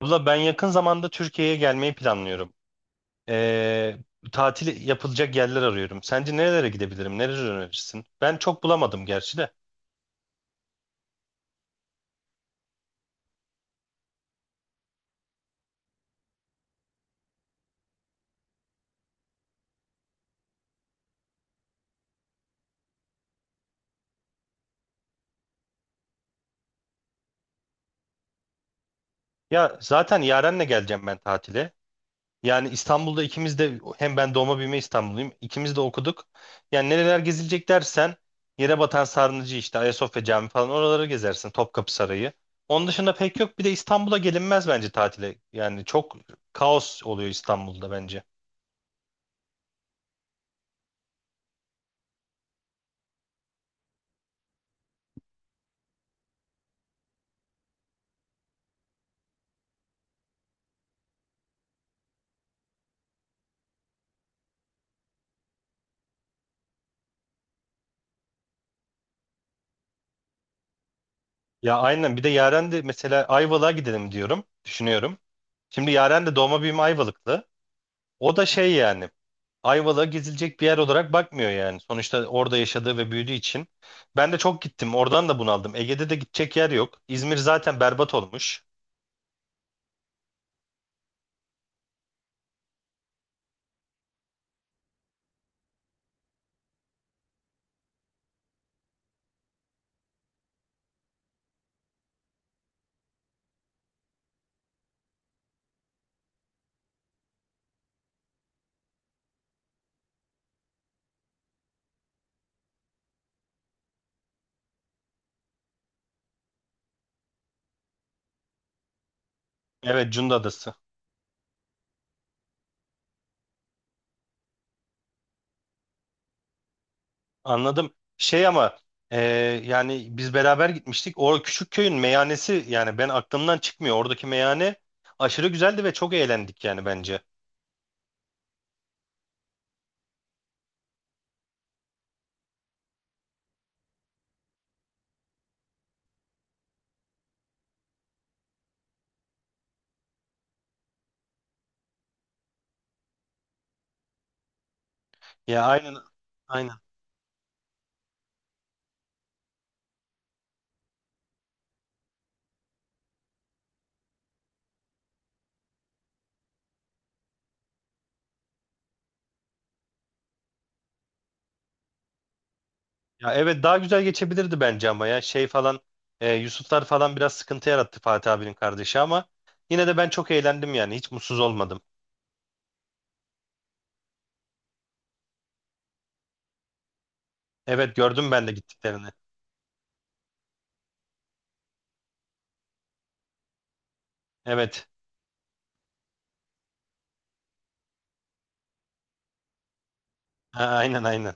Abla ben yakın zamanda Türkiye'ye gelmeyi planlıyorum. Ee, tatil yapılacak yerler arıyorum. Sence nerelere gidebilirim? Nereleri önerirsin? Ben çok bulamadım gerçi de. Ya zaten Yaren'le geleceğim ben tatile. Yani İstanbul'da ikimiz de hem ben doğma büyüme İstanbulluyum. İkimiz de okuduk. Yani nereler gezilecek dersen Yerebatan Sarnıcı işte Ayasofya Camii falan oraları gezersin. Topkapı Sarayı. Onun dışında pek yok. Bir de İstanbul'a gelinmez bence tatile. Yani çok kaos oluyor İstanbul'da bence. Ya aynen, bir de Yaren de mesela Ayvalık'a gidelim diyorum. Düşünüyorum. Şimdi Yaren de doğma büyüme Ayvalıklı. O da şey yani Ayvalık'a gezilecek bir yer olarak bakmıyor yani. Sonuçta orada yaşadığı ve büyüdüğü için. Ben de çok gittim. Oradan da bunaldım. Ege'de de gidecek yer yok. İzmir zaten berbat olmuş. Evet, Cunda Adası. Anladım. Şey ama e, yani biz beraber gitmiştik. O küçük köyün meyhanesi yani ben aklımdan çıkmıyor. Oradaki meyhane aşırı güzeldi ve çok eğlendik yani bence. Ya aynen. Aynen. Ya evet, daha güzel geçebilirdi bence ama ya şey falan Yusuflar falan biraz sıkıntı yarattı Fatih abinin kardeşi ama yine de ben çok eğlendim yani hiç mutsuz olmadım. Evet, gördüm ben de gittiklerini. Evet. Ha, aynen aynen.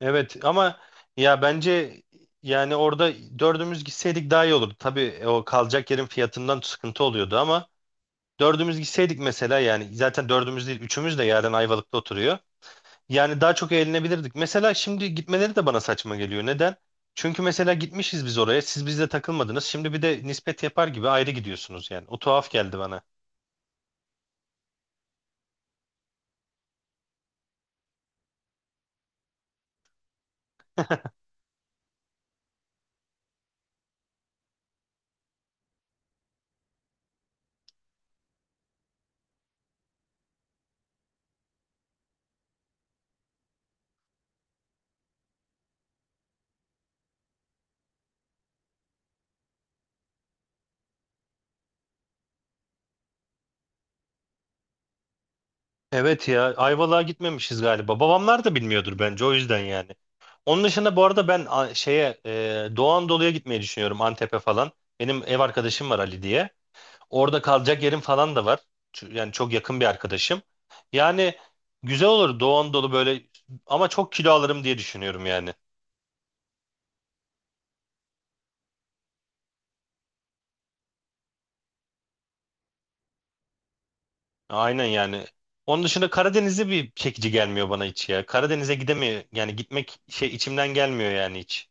Evet ama ya bence yani orada dördümüz gitseydik daha iyi olurdu. Tabii o kalacak yerin fiyatından sıkıntı oluyordu ama dördümüz gitseydik mesela yani zaten dördümüz değil üçümüz de yarın Ayvalık'ta oturuyor. Yani daha çok eğlenebilirdik. Mesela şimdi gitmeleri de bana saçma geliyor. Neden? Çünkü mesela gitmişiz biz oraya. Siz bizle takılmadınız. Şimdi bir de nispet yapar gibi ayrı gidiyorsunuz yani. O tuhaf geldi bana. Evet ya, Ayvalık'a gitmemişiz galiba. Babamlar da bilmiyordur bence o yüzden yani. Onun dışında bu arada ben şeye Doğu Anadolu'ya gitmeyi düşünüyorum Antep'e falan. Benim ev arkadaşım var Ali diye. Orada kalacak yerim falan da var. Yani çok yakın bir arkadaşım. Yani güzel olur Doğu Anadolu böyle ama çok kilo alırım diye düşünüyorum yani. Aynen yani. Onun dışında Karadeniz'e bir çekici gelmiyor bana hiç ya. Karadeniz'e gidemiyor. Yani gitmek şey içimden gelmiyor yani hiç.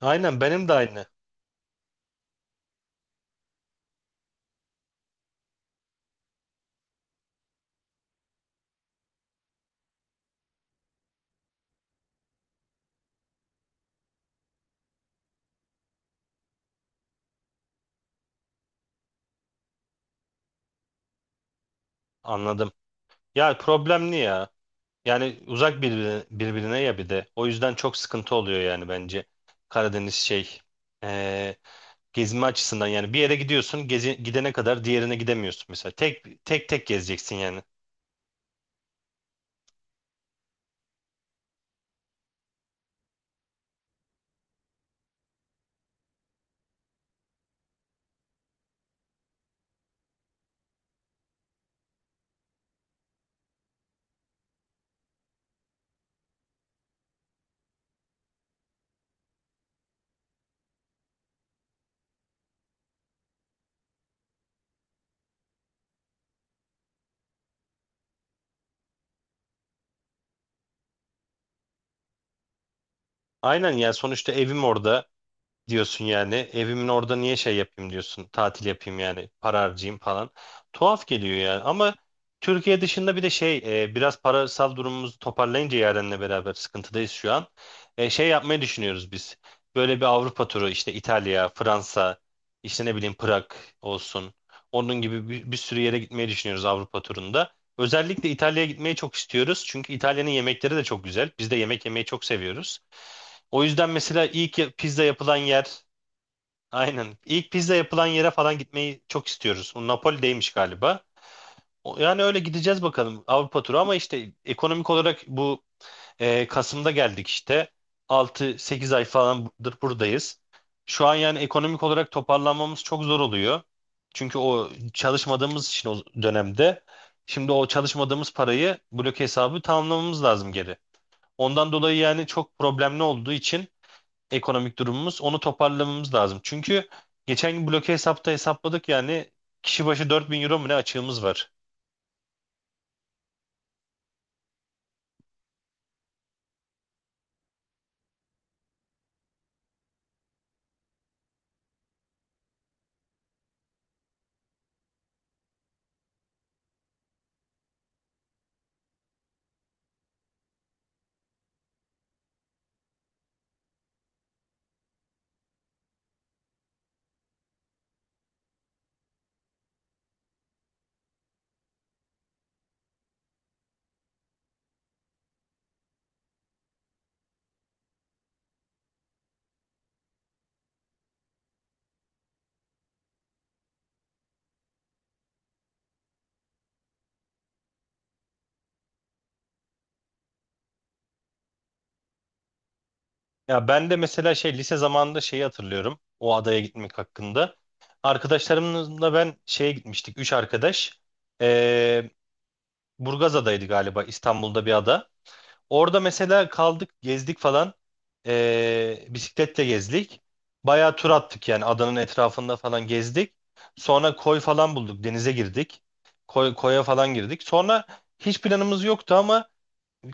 Aynen, benim de aynı. Anladım. Ya problemli ya. Yani uzak birbirine ya bir de. O yüzden çok sıkıntı oluyor yani bence. Karadeniz şey eee, gezme açısından yani bir yere gidiyorsun gidene kadar diğerine gidemiyorsun mesela. Tek tek gezeceksin yani. Aynen ya, sonuçta evim orada. Diyorsun yani. Evimin orada niye şey yapayım diyorsun. Tatil yapayım yani. Para harcayayım falan. Tuhaf geliyor yani. Ama Türkiye dışında bir de şey biraz parasal durumumuzu toparlayınca Yaren'le beraber sıkıntıdayız şu an. Şey yapmayı düşünüyoruz biz. Böyle bir Avrupa turu işte İtalya, Fransa, işte ne bileyim Prag olsun. Onun gibi bir sürü yere gitmeyi düşünüyoruz Avrupa turunda. Özellikle İtalya'ya gitmeyi çok istiyoruz. Çünkü İtalya'nın yemekleri de çok güzel. Biz de yemek yemeyi çok seviyoruz. O yüzden mesela ilk pizza yapılan yer. Aynen. İlk pizza yapılan yere falan gitmeyi çok istiyoruz. O Napoli'deymiş galiba. Yani öyle gideceğiz bakalım Avrupa turu ama işte ekonomik olarak bu Kasım'da geldik işte. 6-8 ay falandır buradayız. Şu an yani ekonomik olarak toparlanmamız çok zor oluyor. Çünkü o çalışmadığımız için o dönemde şimdi o çalışmadığımız parayı blok hesabı tamamlamamız lazım geri. Ondan dolayı yani çok problemli olduğu için ekonomik durumumuz. Onu toparlamamız lazım. Çünkü geçen gün bloke hesapta hesapladık yani kişi başı 4.000 euro mu ne açığımız var. Ya ben de mesela şey lise zamanında şeyi hatırlıyorum. O adaya gitmek hakkında. Arkadaşlarımla ben şeye gitmiştik. Üç arkadaş. Ee, Burgazada'ydı galiba, İstanbul'da bir ada. Orada mesela kaldık, gezdik falan. Bisikletle gezdik. Bayağı tur attık yani adanın etrafında falan gezdik. Sonra koy falan bulduk, denize girdik. Koya falan girdik. Sonra hiç planımız yoktu ama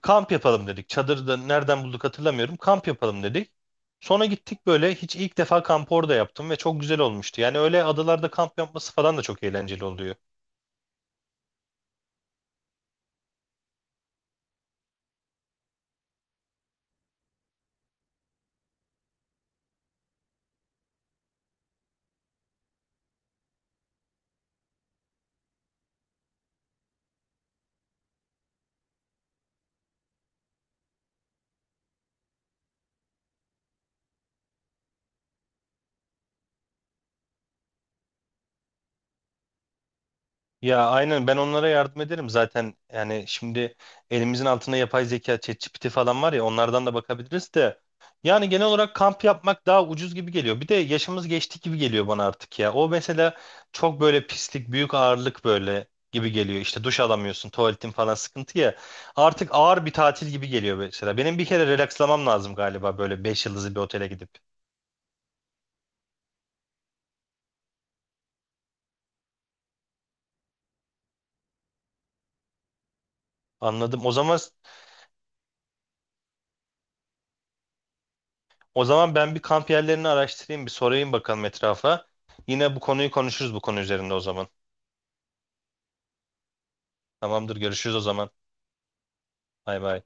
kamp yapalım dedik. Çadırda nereden bulduk hatırlamıyorum. Kamp yapalım dedik. Sonra gittik böyle hiç ilk defa kampı orada yaptım ve çok güzel olmuştu. Yani öyle adalarda kamp yapması falan da çok eğlenceli oluyor. Ya aynen, ben onlara yardım ederim zaten. Yani şimdi elimizin altında yapay zeka, ChatGPT falan var ya onlardan da bakabiliriz de. Yani genel olarak kamp yapmak daha ucuz gibi geliyor. Bir de yaşımız geçti gibi geliyor bana artık ya. O mesela çok böyle pislik, büyük ağırlık böyle gibi geliyor. İşte duş alamıyorsun, tuvaletin falan sıkıntı ya. Artık ağır bir tatil gibi geliyor mesela. Benim bir kere relakslamam lazım galiba, böyle 5 yıldızlı bir otele gidip. Anladım. O zaman. Ben bir kamp yerlerini araştırayım, bir sorayım bakalım etrafa. Yine bu konuyu konuşuruz bu konu üzerinde o zaman. Tamamdır, görüşürüz o zaman. Bay bay.